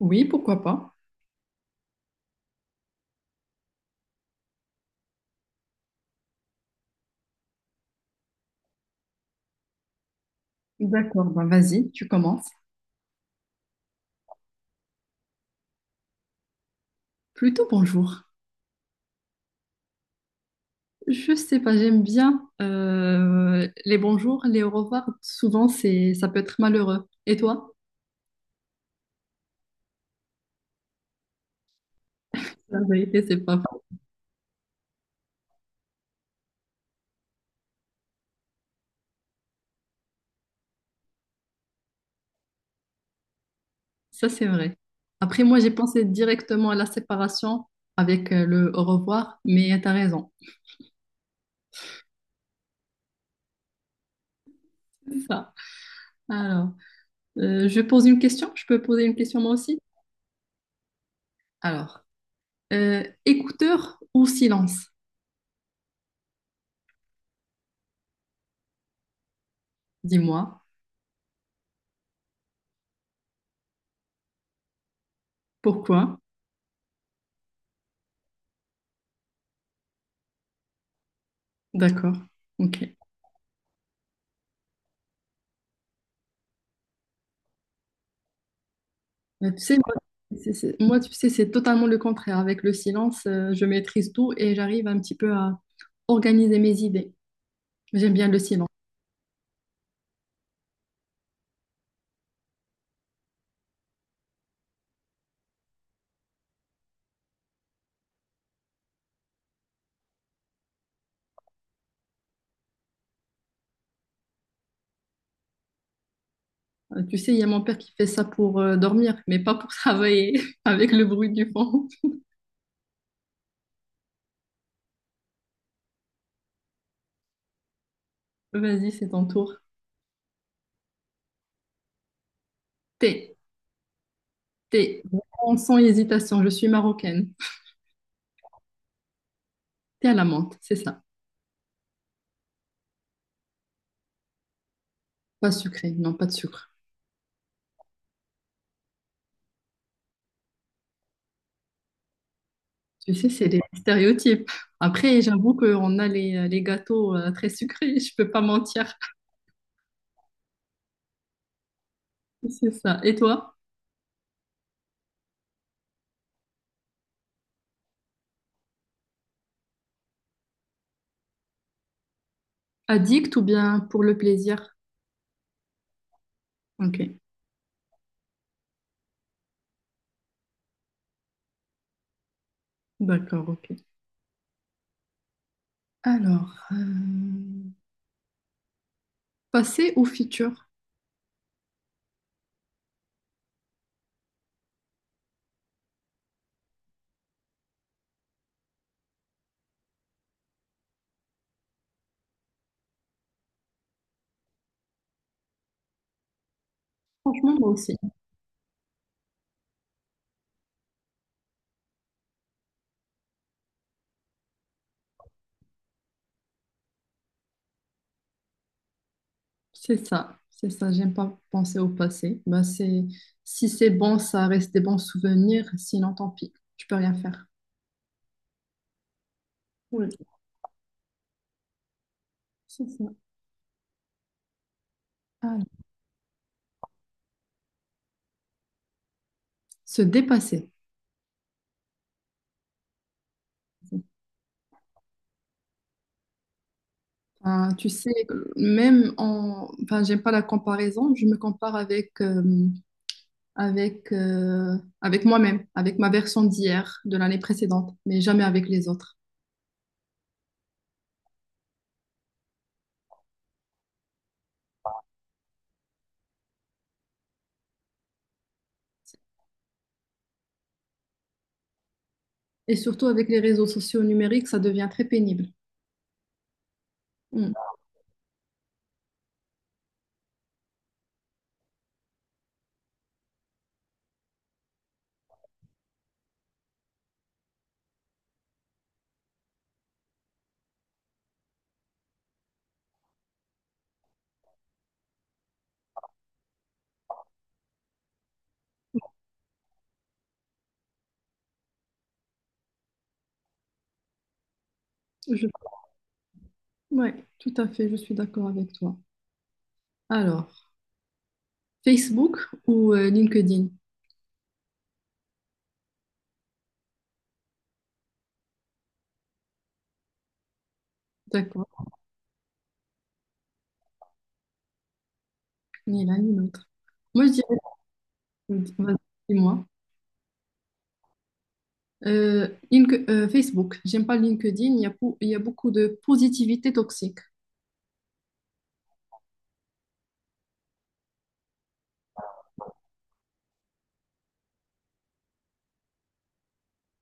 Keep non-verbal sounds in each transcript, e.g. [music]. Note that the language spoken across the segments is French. Oui, pourquoi pas. D'accord, bah vas-y, tu commences. Plutôt bonjour. Je sais pas, j'aime bien les bonjours, les au revoir. Souvent, ça peut être malheureux. Et toi? La vérité, c'est pas faux. Ça, c'est vrai. Après, moi, j'ai pensé directement à la séparation avec le au revoir, mais t'as raison. C'est ça. Alors, je pose une question. Je peux poser une question moi aussi? Alors, écouteur ou silence? Dis-moi. Pourquoi? D'accord. Ok. Mais tu sais, moi, moi, tu sais, c'est totalement le contraire. Avec le silence, je maîtrise tout et j'arrive un petit peu à organiser mes idées. J'aime bien le silence. Tu sais, il y a mon père qui fait ça pour dormir, mais pas pour travailler [laughs] avec le bruit du fond. Vas-y, c'est ton tour. Thé, thé, vraiment sans hésitation, je suis marocaine. Thé à la menthe, c'est ça. Pas sucré, non, pas de sucre. Tu sais, c'est des stéréotypes. Après, j'avoue qu'on a les gâteaux très sucrés, je peux pas mentir. [laughs] C'est ça. Et toi? Addict ou bien pour le plaisir? Ok, d'accord, ok. Alors, passé ou futur? Franchement, moi aussi. C'est ça, c'est ça. J'aime pas penser au passé. Bah, c'est, si c'est bon, ça reste des bons souvenirs. Sinon, tant pis. Tu peux rien faire. Oui, c'est ça. Alors, se dépasser. Enfin, tu sais, même en… Enfin, j'aime pas la comparaison. Je me compare avec… avec, avec moi-même, avec ma version d'hier, de l'année précédente, mais jamais avec les autres. Et surtout avec les réseaux sociaux numériques, ça devient très pénible. Mm. Je- Ouais, tout à fait, je suis d'accord avec toi. Alors, Facebook ou LinkedIn? D'accord, ni l'un ni l'autre. Moi, je dirais, vas-y, dis-moi. Facebook, j'aime pas LinkedIn, il y a, il y a beaucoup de positivité toxique.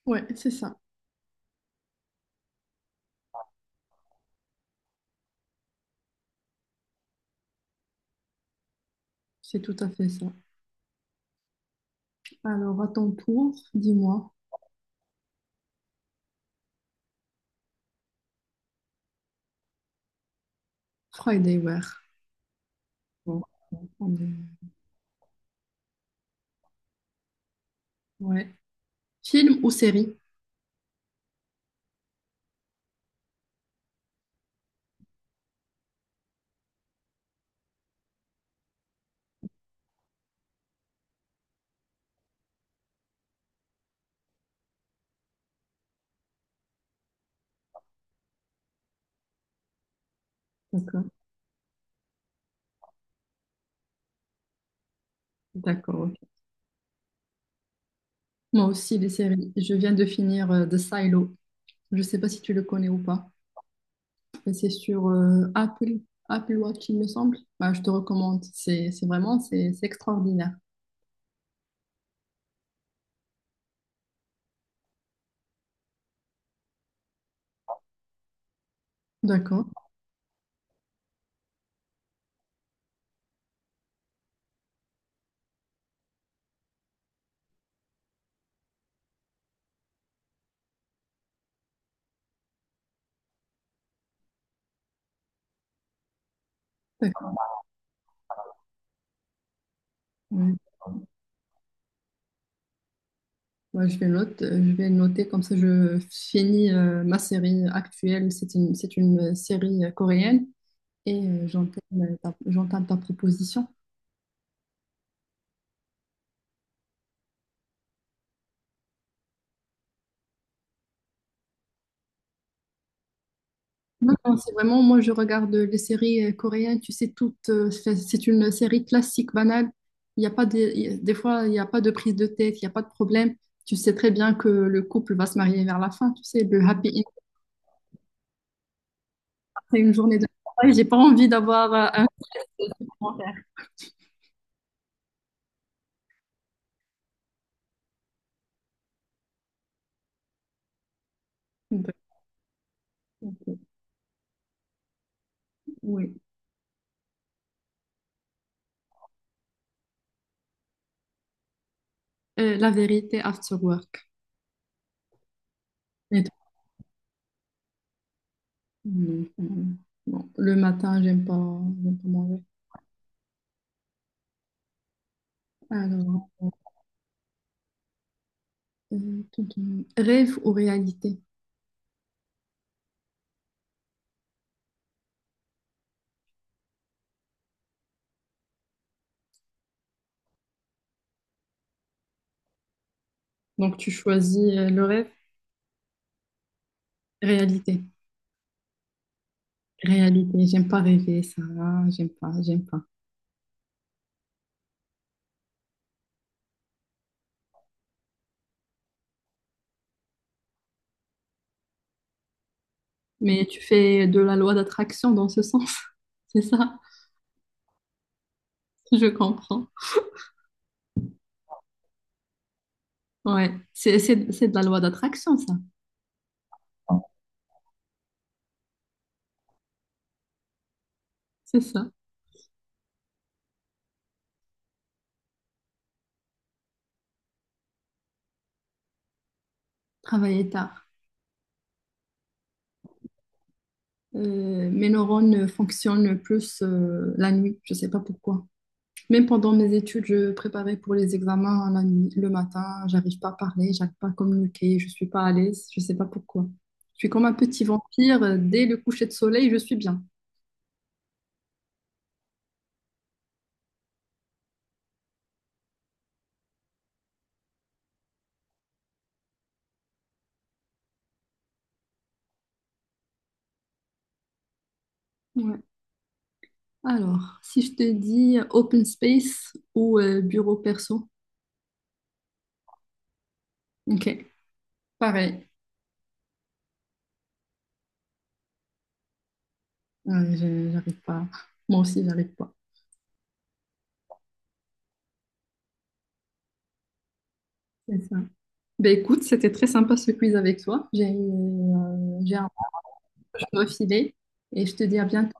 Ouais, c'est ça, c'est tout à fait ça. Alors, à ton tour, dis-moi, Friday Wear. Bon, on va prendre des- ouais. Film ou série? D'accord, d'accord. Ok. Moi aussi, des séries. Je viens de finir The Silo. Je ne sais pas si tu le connais ou pas. Mais c'est sur Apple, Apple Watch, il me semble. Bah, je te recommande. C'est vraiment c'est extraordinaire. D'accord, d'accord. Ouais. Je vais noter comme ça je finis ma série actuelle. C'est une série coréenne et j'entame ta proposition. Non, non, c'est vraiment, moi je regarde les séries coréennes, tu sais, toutes, c'est une série classique, banale. Il y a pas de- il y a- des fois, il n'y a pas de prise de tête, il n'y a pas de problème. Tu sais très bien que le couple va se marier vers la fin, tu sais, le happy end après une journée de travail. J'ai pas envie d'avoir un commentaire. Donc, ok. Oui. La vérité after work. Et toi? Non, non, non. Le matin, j'aime pas manger. Alors, rêve ou réalité? Donc tu choisis le rêve. Réalité, réalité. J'aime pas rêver, ça. J'aime pas, j'aime pas. Mais tu fais de la loi d'attraction dans ce sens, [laughs] c'est ça? Je comprends. Ouais, c'est de la loi d'attraction, ça. C'est ça. Travailler tard. Mes neurones fonctionnent plus la nuit, je sais pas pourquoi. Même pendant mes études, je préparais pour les examens la nuit, le matin, j'arrive pas à parler, j'arrive pas à communiquer, je suis pas à l'aise, je sais pas pourquoi. Je suis comme un petit vampire, dès le coucher de soleil, je suis bien. Ouais. Alors, si je te dis open space ou bureau perso, ok, pareil. Ouais, j'arrive pas. Moi aussi, j'arrive pas. C'est ça. Ben écoute, c'était très sympa ce quiz avec toi. J'ai un peu filer et je te dis à bientôt.